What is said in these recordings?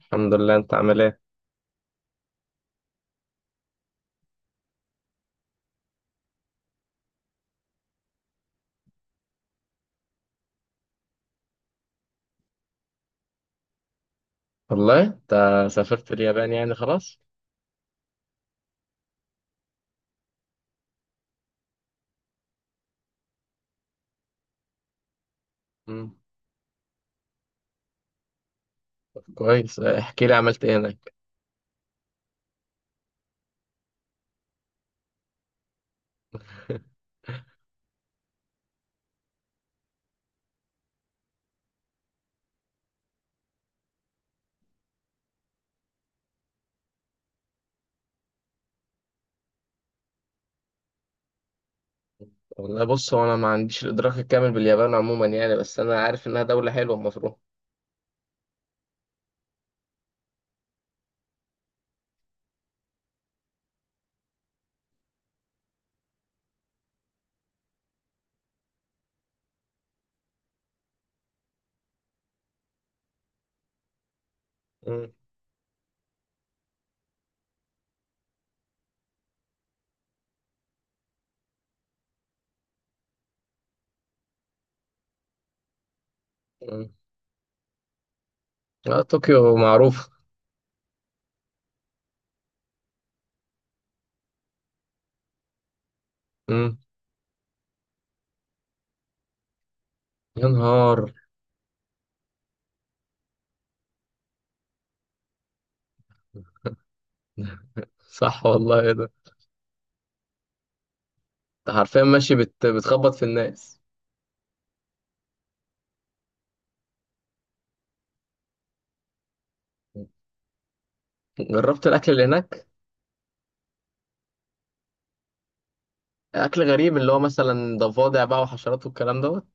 الحمد لله، انت عامل ايه؟ والله انت سافرت اليابان يعني خلاص. امم. طب كويس، احكي لي عملت ايه هناك. والله بص، هو انا ما عنديش الادراك الكامل باليابان عموما يعني، بس انا عارف انها دولة حلوة المفروض. امم، امم. اه، طوكيو معروف. امم. يا نهار. صح والله، ايه ده. انت حرفيا ماشي بتخبط في الناس. جربت الاكل اللي هناك؟ اكل غريب اللي هو مثلا ضفادع بقى وحشرات والكلام دوت.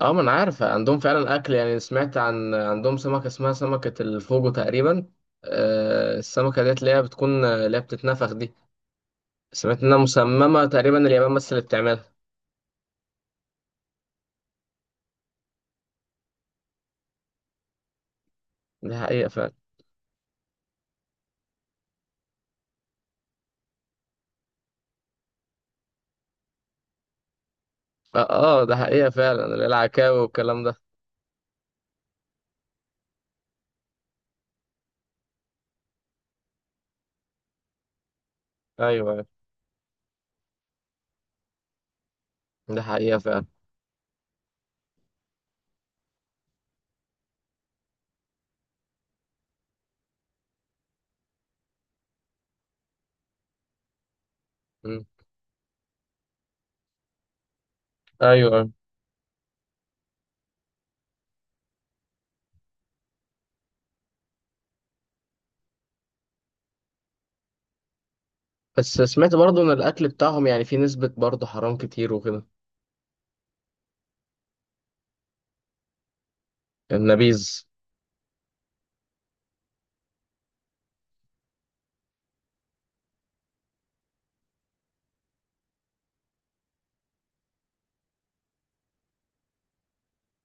اه، ما انا عارف عندهم فعلا اكل يعني، سمعت عن عندهم سمكه اسمها سمكه الفوجو تقريبا. آه، السمكه ديت اللي هي بتتنفخ دي. سمعت انها مسممه تقريبا اليابان بس اللي بتعملها. دي حقيقه فعلا. اه. آه، ده حقيقه فعلا اللي هي العكاوي والكلام ده. ايوه، ايوه. ده حقيقه فعلا. مم. ايوه، ايوه. بس سمعت برضو ان الاكل بتاعهم يعني فيه نسبه برضو حرام كتير وكده. النبيذ.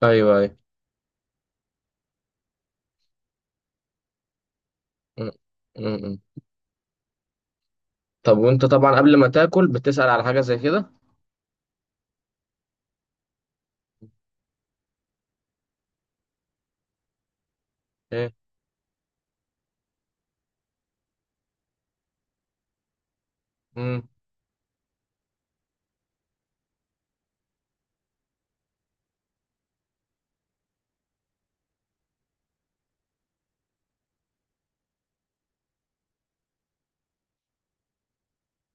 ايوه، ايوه. مم. مم. طب، وانت طبعا قبل ما تاكل بتسأل على حاجه زي كده؟ ايه.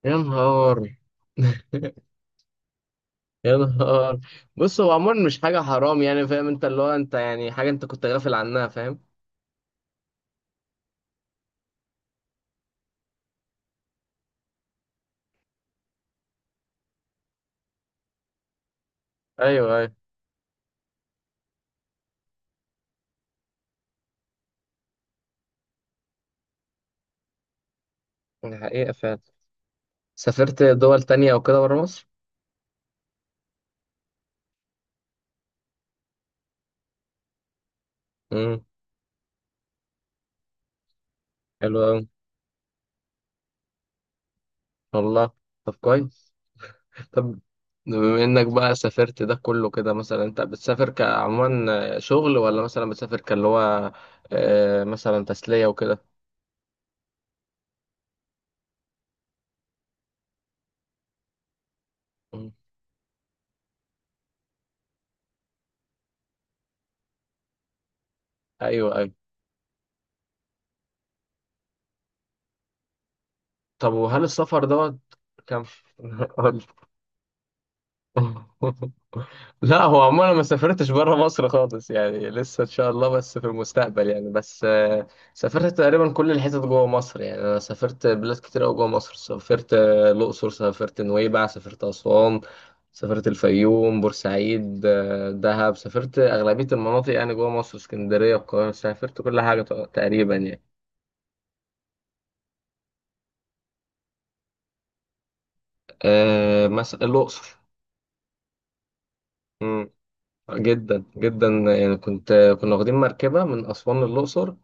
يا نهار. يا نهار. بص، هو عموما مش حاجة حرام يعني، فاهم انت اللي هو انت يعني حاجة انت كنت غافل عنها، فاهم. ايوه، ايوه. دي حقيقة فعلا. سافرت دول تانية او كده برا مصر؟ امم. حلو اوي. والله. طب كويس. طب، بما انك بقى سافرت ده كله كده، مثلا انت بتسافر كعموما شغل ولا مثلا بتسافر كاللي هو مثلا تسلية وكده؟ مم. ايوه، ايوه. طب وهل السفر دوت كان؟ قول. لا، هو عموما أنا ما سافرتش بره مصر خالص يعني، لسه ان شاء الله بس في المستقبل يعني، بس سافرت تقريبا كل الحتت جوه مصر يعني. انا سافرت بلاد كتير قوي جوه مصر، سافرت الاقصر، سافرت نويبع، سافرت اسوان، سافرت الفيوم، بورسعيد، دهب. سافرت اغلبيه المناطق يعني جوه مصر، اسكندريه، القاهره. سافرت كل حاجه تقريبا يعني. مثلا الاقصر، جدا جدا. يعني كنا واخدين مركبة من أسوان للأقصر.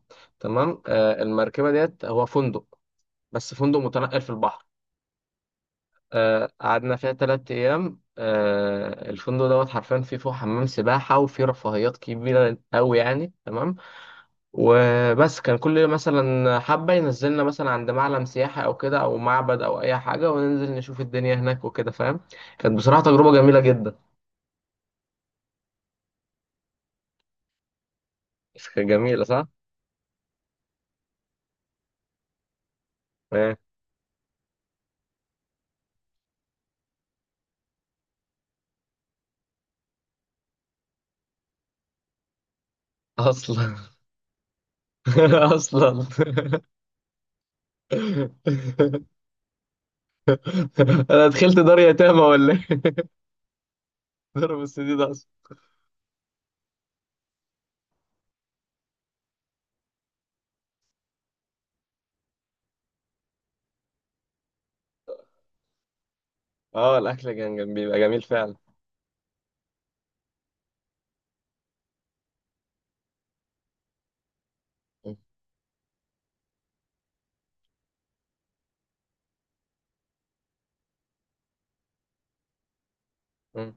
تمام. المركبة ديت هو فندق، بس فندق متنقل في البحر. قعدنا فيها 3 أيام. الفندق دوت حرفيا فيه فوق حمام سباحة وفيه رفاهيات كبيرة أوي يعني، تمام. وبس كان كل مثلا حبة ينزلنا مثلا عند معلم سياحي أو كده أو معبد أو أي حاجة، وننزل نشوف الدنيا هناك وكده، فاهم. كانت بصراحة تجربة جميلة جدا. كانت جميلة صح؟ آه، أصلا. اصلا. انا دخلت دار يتامى ولا ايه؟ دار السديد اصلا. اه، الاكل كان بيبقى جميل فعلا. م- م.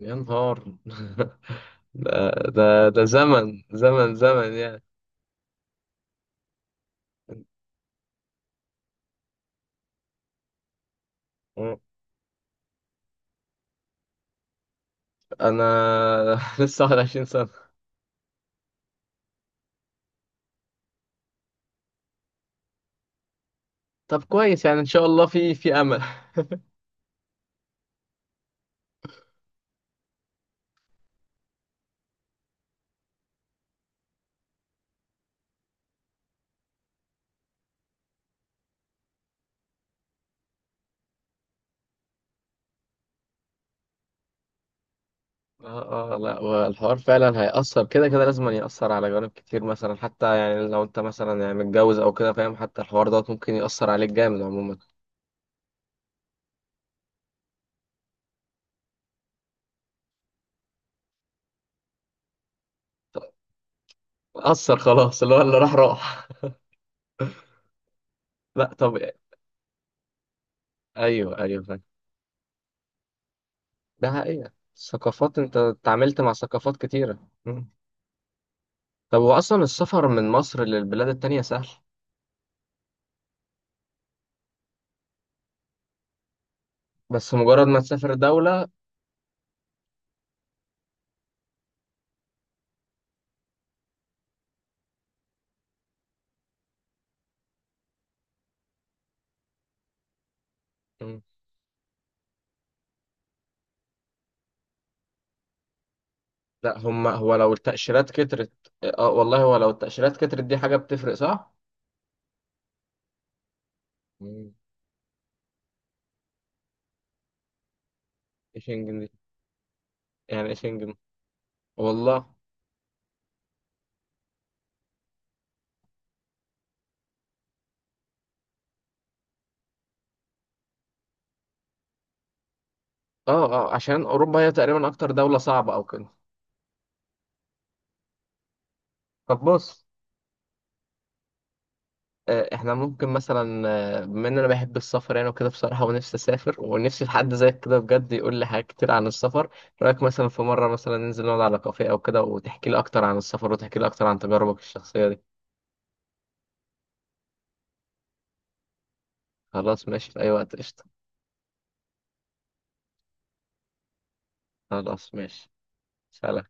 يا نهار. ده زمن، زمن زمن يعني. م. انا لسه 21 سنه. طب كويس يعني ان شاء الله في امل. اه، اه. لا، والحوار فعلا هيأثر كده كده، لازم يأثر على جوانب كتير مثلا، حتى يعني لو انت مثلا يعني متجوز او كده فاهم، حتى الحوار دوت ممكن يأثر عليك جامد عموما. اثر خلاص، اللي هو اللي راح راح. لا طب. ايوه، ايوه، فاهم. ده حقيقة. الثقافات انت اتعاملت مع ثقافات كتيرة. مم. طب هو اصلا السفر من مصر للبلاد التانية سهل؟ بس مجرد ما تسافر دولة. مم. لا، هم هو لو التأشيرات كترت. اه والله، هو لو التأشيرات كترت دي حاجة بتفرق صح؟ مم. ايه شنجن دي؟ يعني ايه شنجن؟ والله. اه، اه، عشان اوروبا هي تقريبا اكتر دولة صعبة او كده. طب بص. احنا ممكن مثلا بما ان انا بحب السفر يعني وكده بصراحه، ونفسي اسافر، ونفسي في حد زيك كده بجد يقول لي حاجات كتير عن السفر. إيه رايك مثلا في مره مثلا ننزل نقعد على كافيه او كده وتحكي لي اكتر عن السفر، وتحكي لي اكتر عن تجاربك الشخصيه دي؟ خلاص ماشي، في اي وقت، قشطه. خلاص ماشي. سلام.